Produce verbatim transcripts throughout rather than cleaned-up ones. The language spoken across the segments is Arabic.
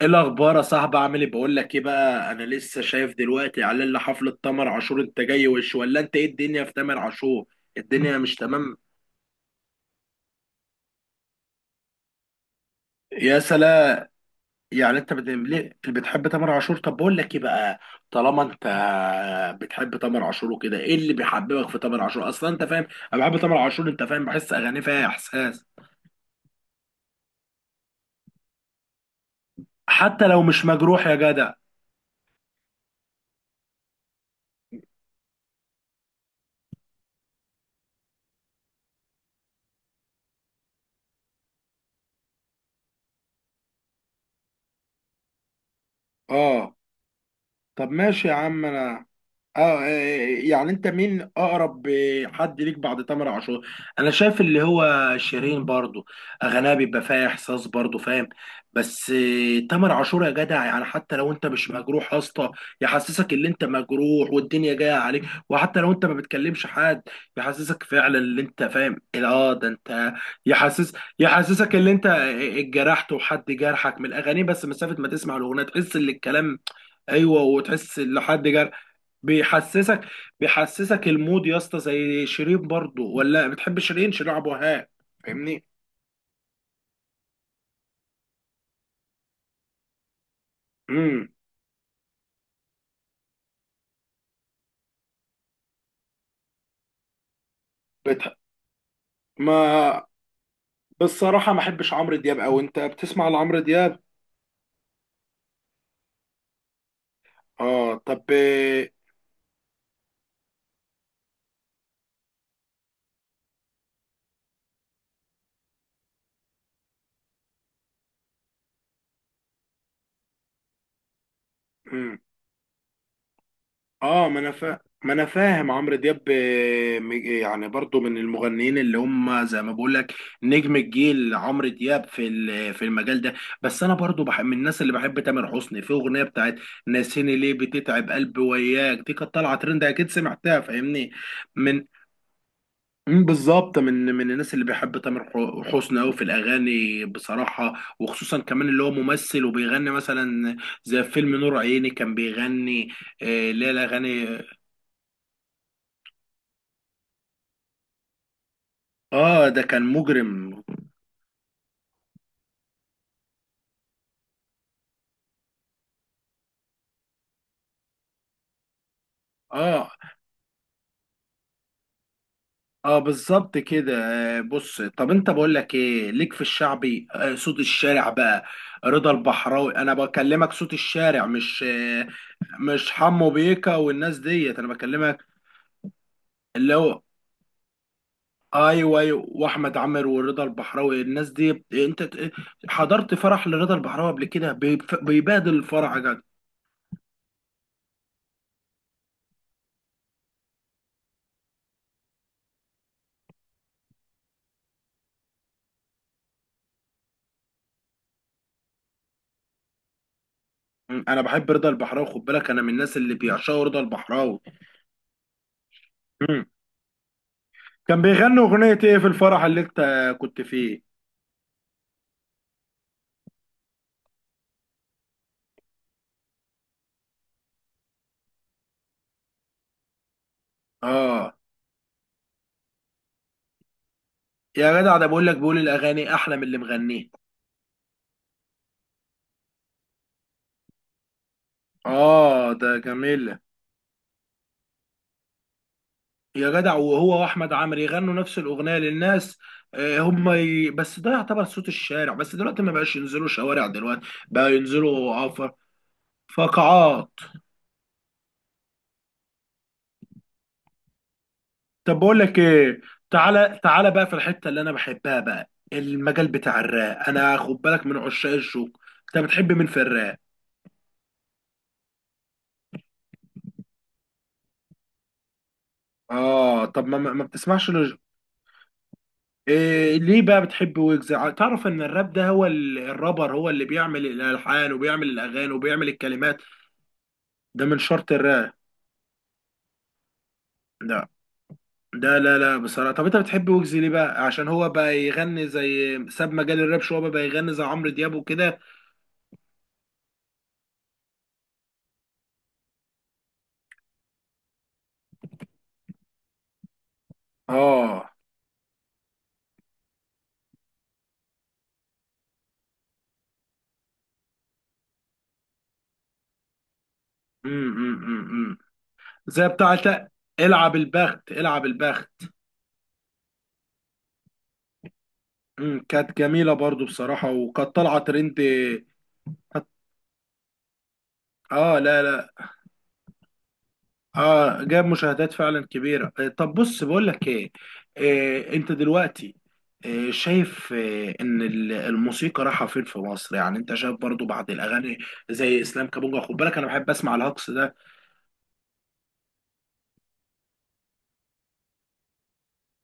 ايه الاخبار يا صاحبي؟ عامل ايه؟ بقول لك ايه بقى، انا لسه شايف دلوقتي اعلان لحفله تامر عاشور. انت جاي وش ولا انت ايه؟ الدنيا في تامر عاشور. الدنيا مش تمام. يا سلام. يعني انت بت... ليه بتحب تامر عاشور؟ طب بقول لك ايه بقى. طالما انت بتحب تامر عاشور وكده، ايه اللي بيحببك في تامر عاشور اصلا؟ انت فاهم، انا بحب تامر عاشور. انت فاهم، بحس اغانيه فيها احساس. حتى لو مش مجروح يا جدع. اه طب ماشي يا عم انا. اه آه، آه، يعني انت مين اقرب حد ليك بعد تامر عاشور؟ انا شايف اللي هو شيرين برضو. اغانيها بيبقى فيها احساس برضو، فاهم؟ بس آه، تامر عاشور يا جدع، يعني حتى لو انت مش مجروح يا اسطى، يحسسك ان انت مجروح والدنيا جايه عليك، وحتى لو انت ما بتكلمش حد، يحسسك فعلا ان انت فاهم. اه ده انت يحسس يحسسك ان انت اتجرحت وحد جرحك من الاغاني، بس مسافه ما تسمع الاغنيه تحس ان الكلام. ايوه وتحس إن لحد جر بيحسسك بيحسسك المود يا اسطى، زي شيرين برضو. ولا بتحب شيرين؟ شيرين عبد الوهاب؟ فاهمني. امم بتح... ما بالصراحه ما احبش عمرو دياب، او انت بتسمع لعمرو دياب؟ اه طب. امم اه ما انا فا... ما انا فاهم عمرو دياب، آه، م- يعني برضو من المغنيين اللي هم زي ما بقول لك نجم الجيل عمرو دياب في ال- في المجال ده. بس انا برضو بحب من الناس اللي بحب تامر حسني، في اغنيه بتاعت ناسيني ليه بتتعب قلبي وياك، دي كانت طالعه ترند، اكيد سمعتها، فاهمني. من مم، بالظبط، من من الناس اللي بيحب تامر ح- حسني قوي في الاغاني بصراحه. وخصوصا كمان اللي هو ممثل وبيغني، مثلا زي فيلم نور عيني كان بيغني. آه، اللي هي الاغاني. اه ده كان مجرم. اه اه بالظبط كده. آه بص، طب انت بقول لك ايه، ليك في الشعبي؟ آه صوت الشارع بقى، رضا البحراوي، انا بكلمك. صوت الشارع، مش آه مش حمو بيكا والناس ديت، انا بكلمك. اللي هو ايوه ايوه، واحمد عامر ورضا البحراوي، الناس دي بت- انت ت- حضرت فرح لرضا البحراوي قبل كده؟ بيف- بيبادل الفرح يا جدع. م، انا بحب رضا البحراوي، خد بالك، انا من الناس اللي بيعشقوا رضا البحراوي. أمم. كان بيغنوا اغنية ايه في الفرح اللي انت كنت فيه؟ اه يا جدع، ده بقول لك، بيقول الاغاني احلى من اللي مغنيه. اه ده جميل. يا جدع، وهو واحمد عامر يغنوا نفس الاغنية للناس. آه، هم ي... بس ده يعتبر صوت الشارع. بس دلوقتي ما بقاش ينزلوا شوارع، دلوقتي بقى ينزلوا عفر. فقاعات. طب بقول لك ايه، تعالى تعالى بقى في الحتة اللي انا بحبها، بقى المجال بتاع الراب. انا خد بالك من عشاق الشوق. انت بتحب مين في الراب؟ اه طب ما ما ما بتسمعش. إيه، ليه بقى بتحب ويجز؟ ع- تعرف ان الراب ده هو ال- الرابر هو اللي بيعمل الالحان وبيعمل الاغاني وبيعمل الكلمات. ده من شرط الراب. ده ده لا لا، بصراحه، طب انت بتحب ويجز ليه بقى؟ عشان هو بقى يغني زي، ساب مجال الراب شويه بقى, بقى يغني زي عمرو دياب وكده. اه. امم امم امم إمم. زي بتاعت العب البخت العب البخت. امم كانت جميله برضو بصراحه، وكانت طالعه ترند. كانت- اه لا لا. اه جاب مشاهدات فعلا كبيره. آه، طب بص بقول لك ايه، آه، انت دلوقتي آه، شايف آه، ان ال- الموسيقى رايحه فين في مصر؟ يعني انت شايف برضو بعد الاغاني زي اسلام كابونجا، خد بالك انا بحب اسمع الهقص ده.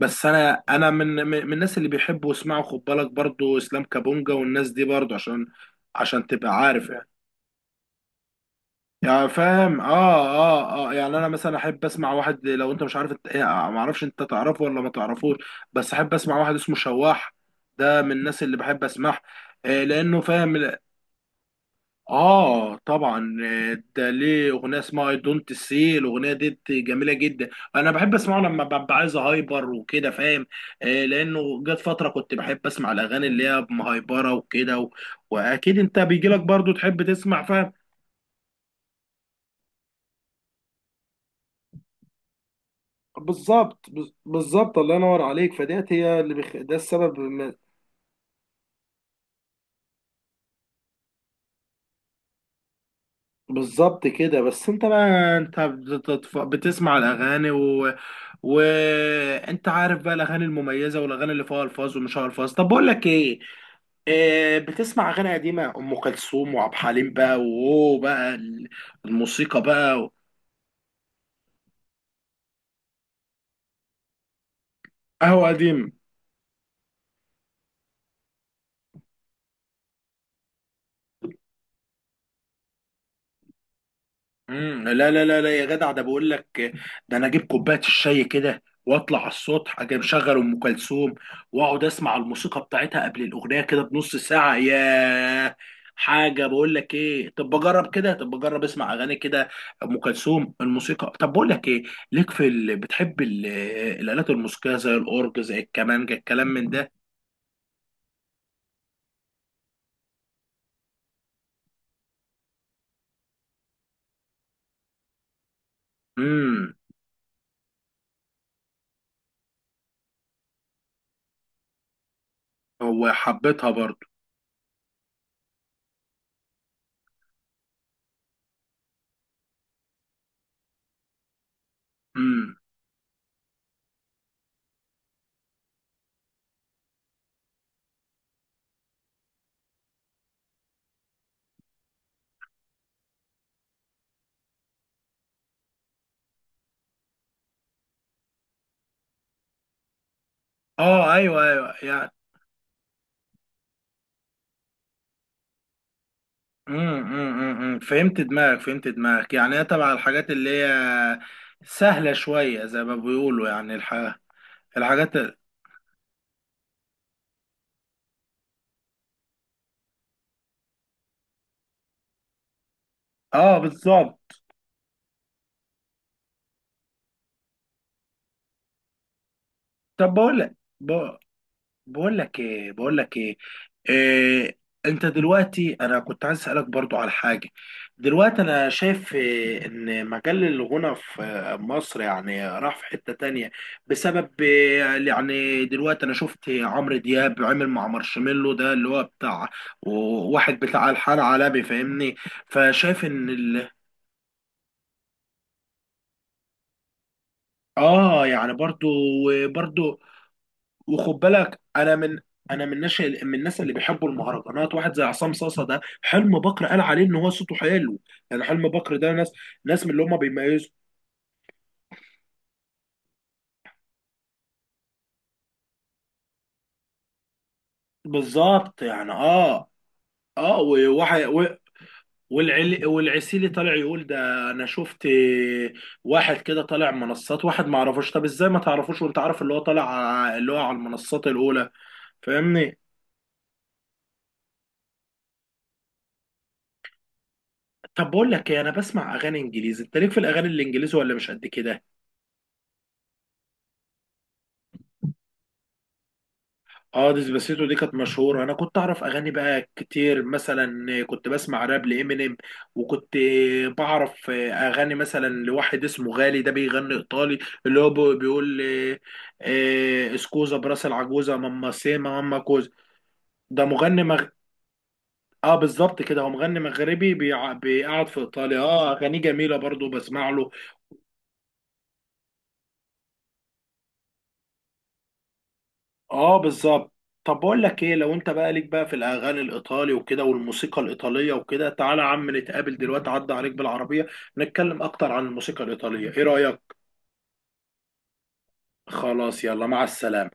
بس انا انا من من من الناس اللي بيحبوا يسمعوا، خد بالك، برضو اسلام كابونجا والناس دي برضو، عشان عشان تبقى عارف. يعني فاهم اه اه اه، يعني انا مثلا احب اسمع واحد، لو انت مش عارف، انت يعني ما اعرفش انت تعرفه ولا ما تعرفوش، بس احب اسمع واحد اسمه شواح. ده من الناس اللي بحب اسمعها آه لانه فاهم ال- اه طبعا. آه، ده ليه اغنيه اسمها اي دونت سي، الاغنيه دي جميله جدا. انا بحب اسمعه لما ببقى عايز هايبر وكده، فاهم؟ آه لانه جت فتره كنت بحب اسمع الاغاني اللي هي مهايبره وكده و... واكيد انت بيجي لك برضو تحب تسمع، فاهم. بالظبط بز- بالظبط، الله ينور عليك، فديت هي اللي بخ... ده السبب م- بالظبط كده. بس انت بقى، انت بتتف... بتسمع الاغاني و... وانت عارف بقى الاغاني المميزه والاغاني اللي فيها الفاظ ومش فيها الفاظ. طب بقول لك ايه، آه بتسمع اغاني قديمه، ام كلثوم وعبد الحليم بقى، واوه بقى الموسيقى بقى. قهوه قديم. امم لا لا لا لا، يا جدع ده بقول لك، ده انا اجيب كوبايه الشاي كده واطلع على السطح، اجي مشغل ام كلثوم واقعد اسمع الموسيقى بتاعتها قبل الاغنيه، كده بنص ساعه يا حاجه. بقول لك ايه، طب بجرب كده، طب بجرب اسمع اغاني كده ام كلثوم الموسيقى. طب بقول لك ايه، ليك في ال... بتحب ال... الالات الموسيقيه، زي الاورج، زي الكمانجه، الكلام من ده؟ امم هو حبيتها برضو. امم اه ايوه ايوه، يعني. امم امم أمم. امم. فهمت دماغك فهمت دماغك، يعني هي تبع الحاجات اللي هي سهلة شوية زي ما بيقولوا، يعني الح... الحاجات ال- اه بالظبط. طب بقول لك بقول لك ايه بقول لك ايه إيه انت دلوقتي؟ انا كنت عايز اسالك برضو على حاجه. دلوقتي انا شايف إيه، ان مجال الغنى في آه، مصر يعني راح في حته تانية، بسبب آه، يعني دلوقتي انا شفت عمرو دياب عمل مع مارشميلو ده، اللي هو بتاع واحد بتاع الحان علبي، فاهمني. فشايف ان ال... اه يعني برضو برضو، وخد بالك انا من انا من ناس من الناس اللي بيحبوا المهرجانات. واحد زي عصام صاصا ده، حلم بكر قال عليه ان هو صوته حلو، يعني حلم بكر ده ناس ناس من اللي هم بيميزوا. بالظبط، يعني اه اه، وواحد و- والعل والعسيلي طالع يقول ده. انا شفت واحد كده طالع منصات، واحد ما اعرفوش. طب ازاي ما تعرفوش وانت عارف اللي هو طالع ع- اللي هو على المنصات الاولى؟ فاهمني. طب بقول لك ايه، انا بسمع اغاني انجليزي، انت ليك في الاغاني الانجليزي ولا مش قد كده؟ اه ديسباسيتو دي كانت مشهورة. أنا كنت أعرف أغاني بقى كتير، مثلا كنت بسمع راب لإمينيم، وكنت بعرف أغاني مثلا لواحد اسمه غالي ده بيغني إيطالي، اللي هو بي- بيقول آه، آه، اسكوزا براس العجوزة، ماما سيما ماما كوزا. ده مغني مغ... اه بالظبط كده. هو مغني مغربي، بيع... بيقعد في إيطاليا. اه أغانيه جميلة برضو، بسمع له. اه بالظبط. طب بقول لك ايه، لو انت بقى ليك بقى في الاغاني الايطالي وكده والموسيقى الايطاليه وكده، تعالى يا عم نتقابل دلوقتي، عدى عليك بالعربيه نتكلم اكتر عن الموسيقى الايطاليه. ايه رايك؟ خلاص يلا مع السلامه.